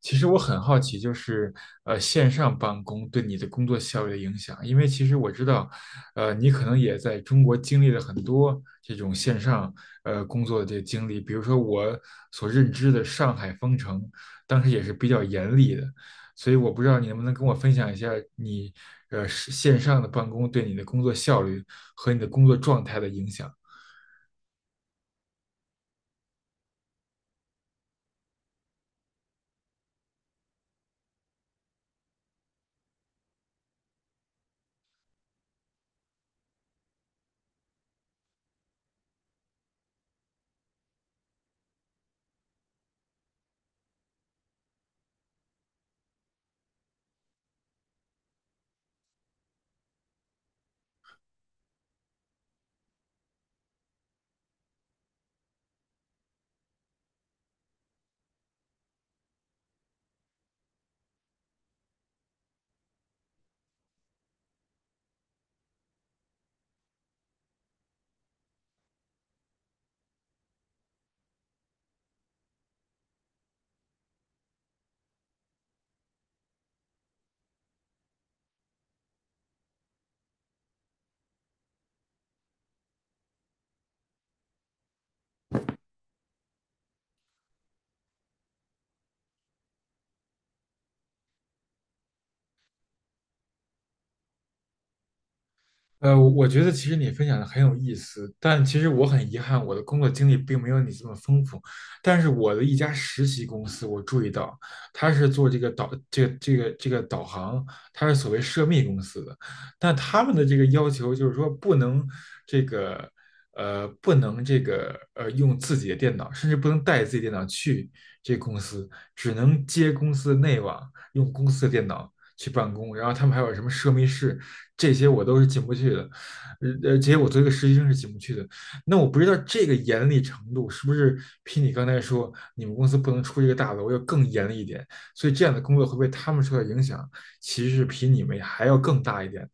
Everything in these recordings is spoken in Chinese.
其实我很好奇，就是线上办公对你的工作效率的影响，因为其实我知道，你可能也在中国经历了很多这种线上工作的这个经历，比如说我所认知的上海封城，当时也是比较严厉的，所以我不知道你能不能跟我分享一下你是线上的办公对你的工作效率和你的工作状态的影响。我觉得其实你分享的很有意思，但其实我很遗憾，我的工作经历并没有你这么丰富。但是我的一家实习公司，我注意到它是做这个导这个这个这个导航，它是所谓涉密公司的。但他们的这个要求就是说，不能这个不能这个用自己的电脑，甚至不能带自己电脑去这个公司，只能接公司的内网，用公司的电脑。去办公，然后他们还有什么奢密室，这些我都是进不去的，这些我作为一个实习生是进不去的。那我不知道这个严厉程度是不是比你刚才说你们公司不能出这个大楼要更严厉一点，所以这样的工作会被他们受到影响，其实是比你们还要更大一点。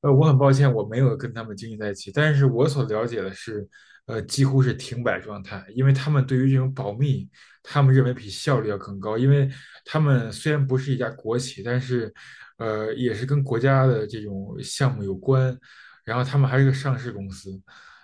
我很抱歉，我没有跟他们经营在一起，但是我所了解的是，几乎是停摆状态，因为他们对于这种保密，他们认为比效率要更高，因为他们虽然不是一家国企，但是，也是跟国家的这种项目有关，然后他们还是个上市公司，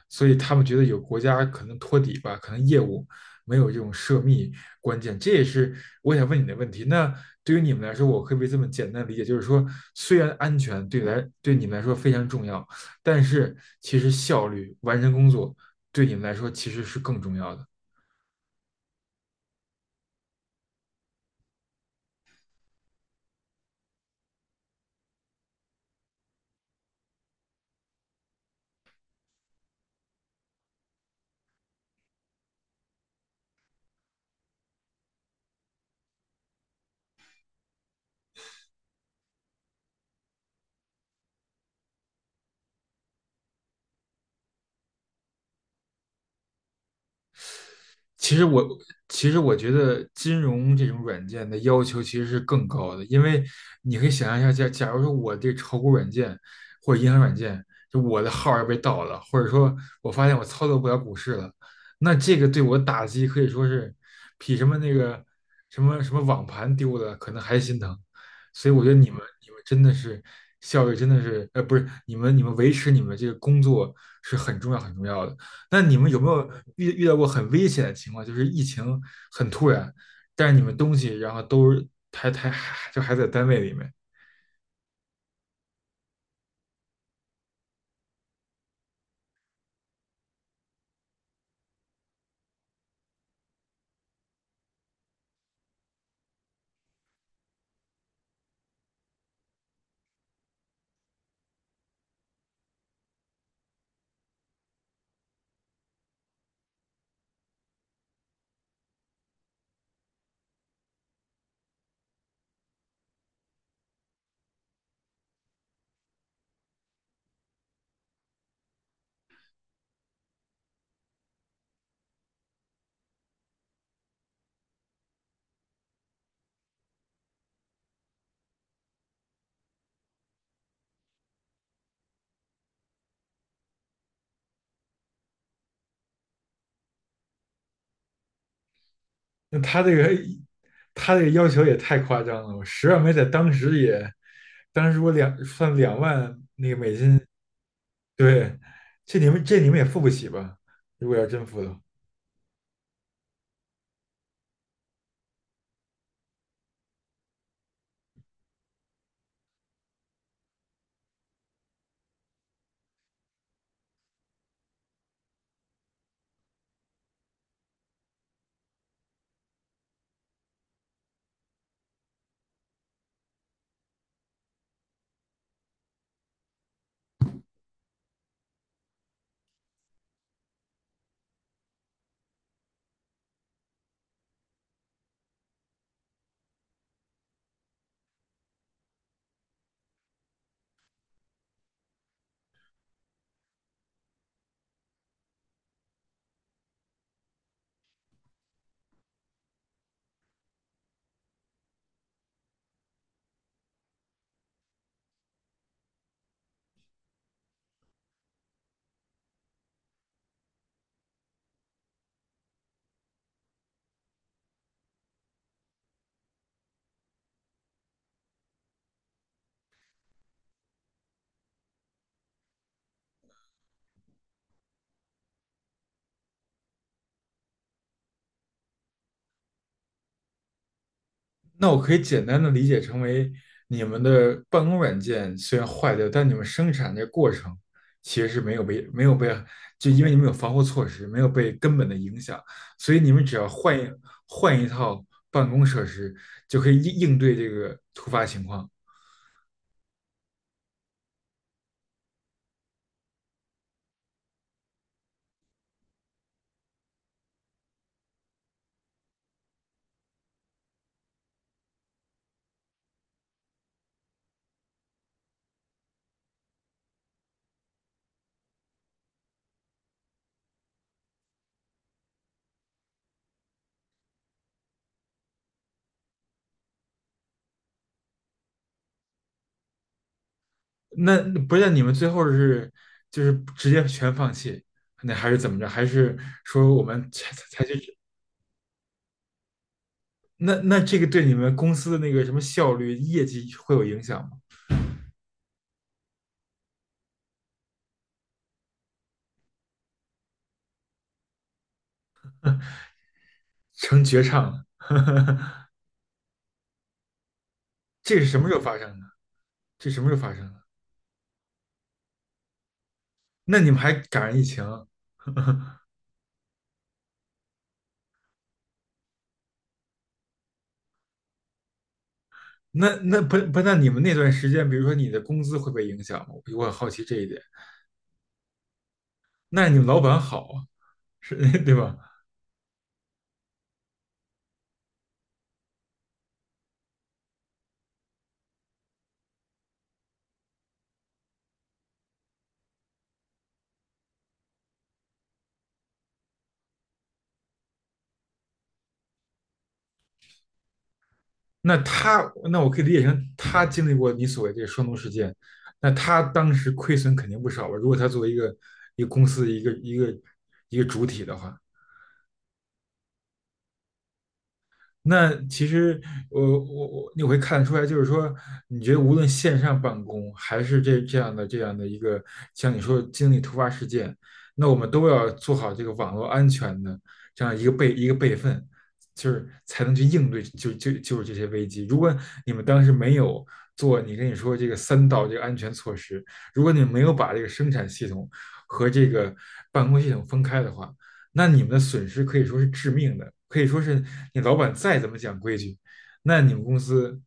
所以他们觉得有国家可能托底吧，可能业务没有这种涉密关键。这也是我想问你的问题。那对于你们来说，我可不可以这么简单理解，就是说，虽然安全对你们来说非常重要，但是其实效率、完成工作对你们来说其实是更重要的。其实我其实我觉得金融这种软件的要求其实是更高的，因为你可以想象一下，假如说我这炒股软件或者银行软件，就我的号要被盗了，或者说我发现我操作不了股市了，那这个对我打击可以说是比什么那个什么网盘丢的可能还心疼。所以我觉得你们真的是效率真的是不是你们维持你们这个工作是很重要很重要的。那你们有没有遇到过很危险的情况？就是疫情很突然，但是你们东西然后都还就还在单位里面。那他这个要求也太夸张了，我十万美在当时也，当时我两万那个美金，对，这你们也付不起吧？如果要真付的话。那我可以简单的理解成为你们的办公软件虽然坏掉，但你们生产这过程其实是没有被，就因为你们有防护措施，没有被根本的影响，所以你们只要换一套办公设施，就可以应对这个突发情况。那不是那你们最后是就是直接全放弃，那还是怎么着？还是说我们采取那对你们公司的那个什么效率、业绩会有影响吗？成绝唱了。这是什么时候发生的？这什么时候发生的？那你们还赶上疫情？那那不不，那你们那段时间，比如说你的工资会被影响吗？我很好奇这一点。那你们老板好啊，是 对吧？那他，那我可以理解成他经历过你所谓这个双农事件，那他当时亏损肯定不少吧？如果他作为一个一个公司的一个一个主体的话，那其实我你会看得出来，就是说，你觉得无论线上办公还是这样的这样的一个，像你说的经历突发事件，那我们都要做好这个网络安全的这样一个一个备份，就是才能去应对就是这些危机。如果你们当时没有做你跟你说这个三道这个安全措施，如果你没有把这个生产系统和这个办公系统分开的话，那你们的损失可以说是致命的，可以说是你老板再怎么讲规矩，那你们公司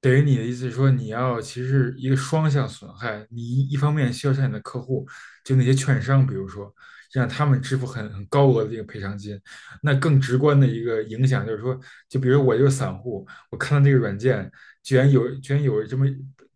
等于你的意思是说，你要其实是一个双向损害，你一方面需要向你的客户，就那些券商，比如说让他们支付很高额的这个赔偿金，那更直观的一个影响就是说，就比如我就是散户，我看到这个软件居然有这么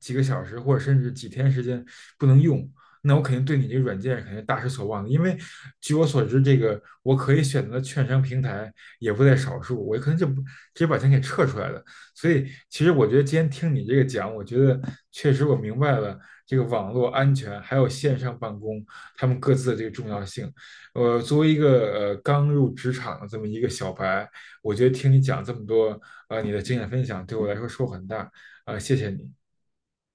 几个小时或者甚至几天时间不能用，那我肯定对你这个软件肯定大失所望的，因为据我所知，这个我可以选择的券商平台也不在少数，我可能就不直接把钱给撤出来了。所以，其实我觉得今天听你这个讲，我觉得确实我明白了这个网络安全还有线上办公他们各自的这个重要性。作为一个刚入职场的这么一个小白，我觉得听你讲这么多，你的经验分享对我来说收获很大，谢谢你。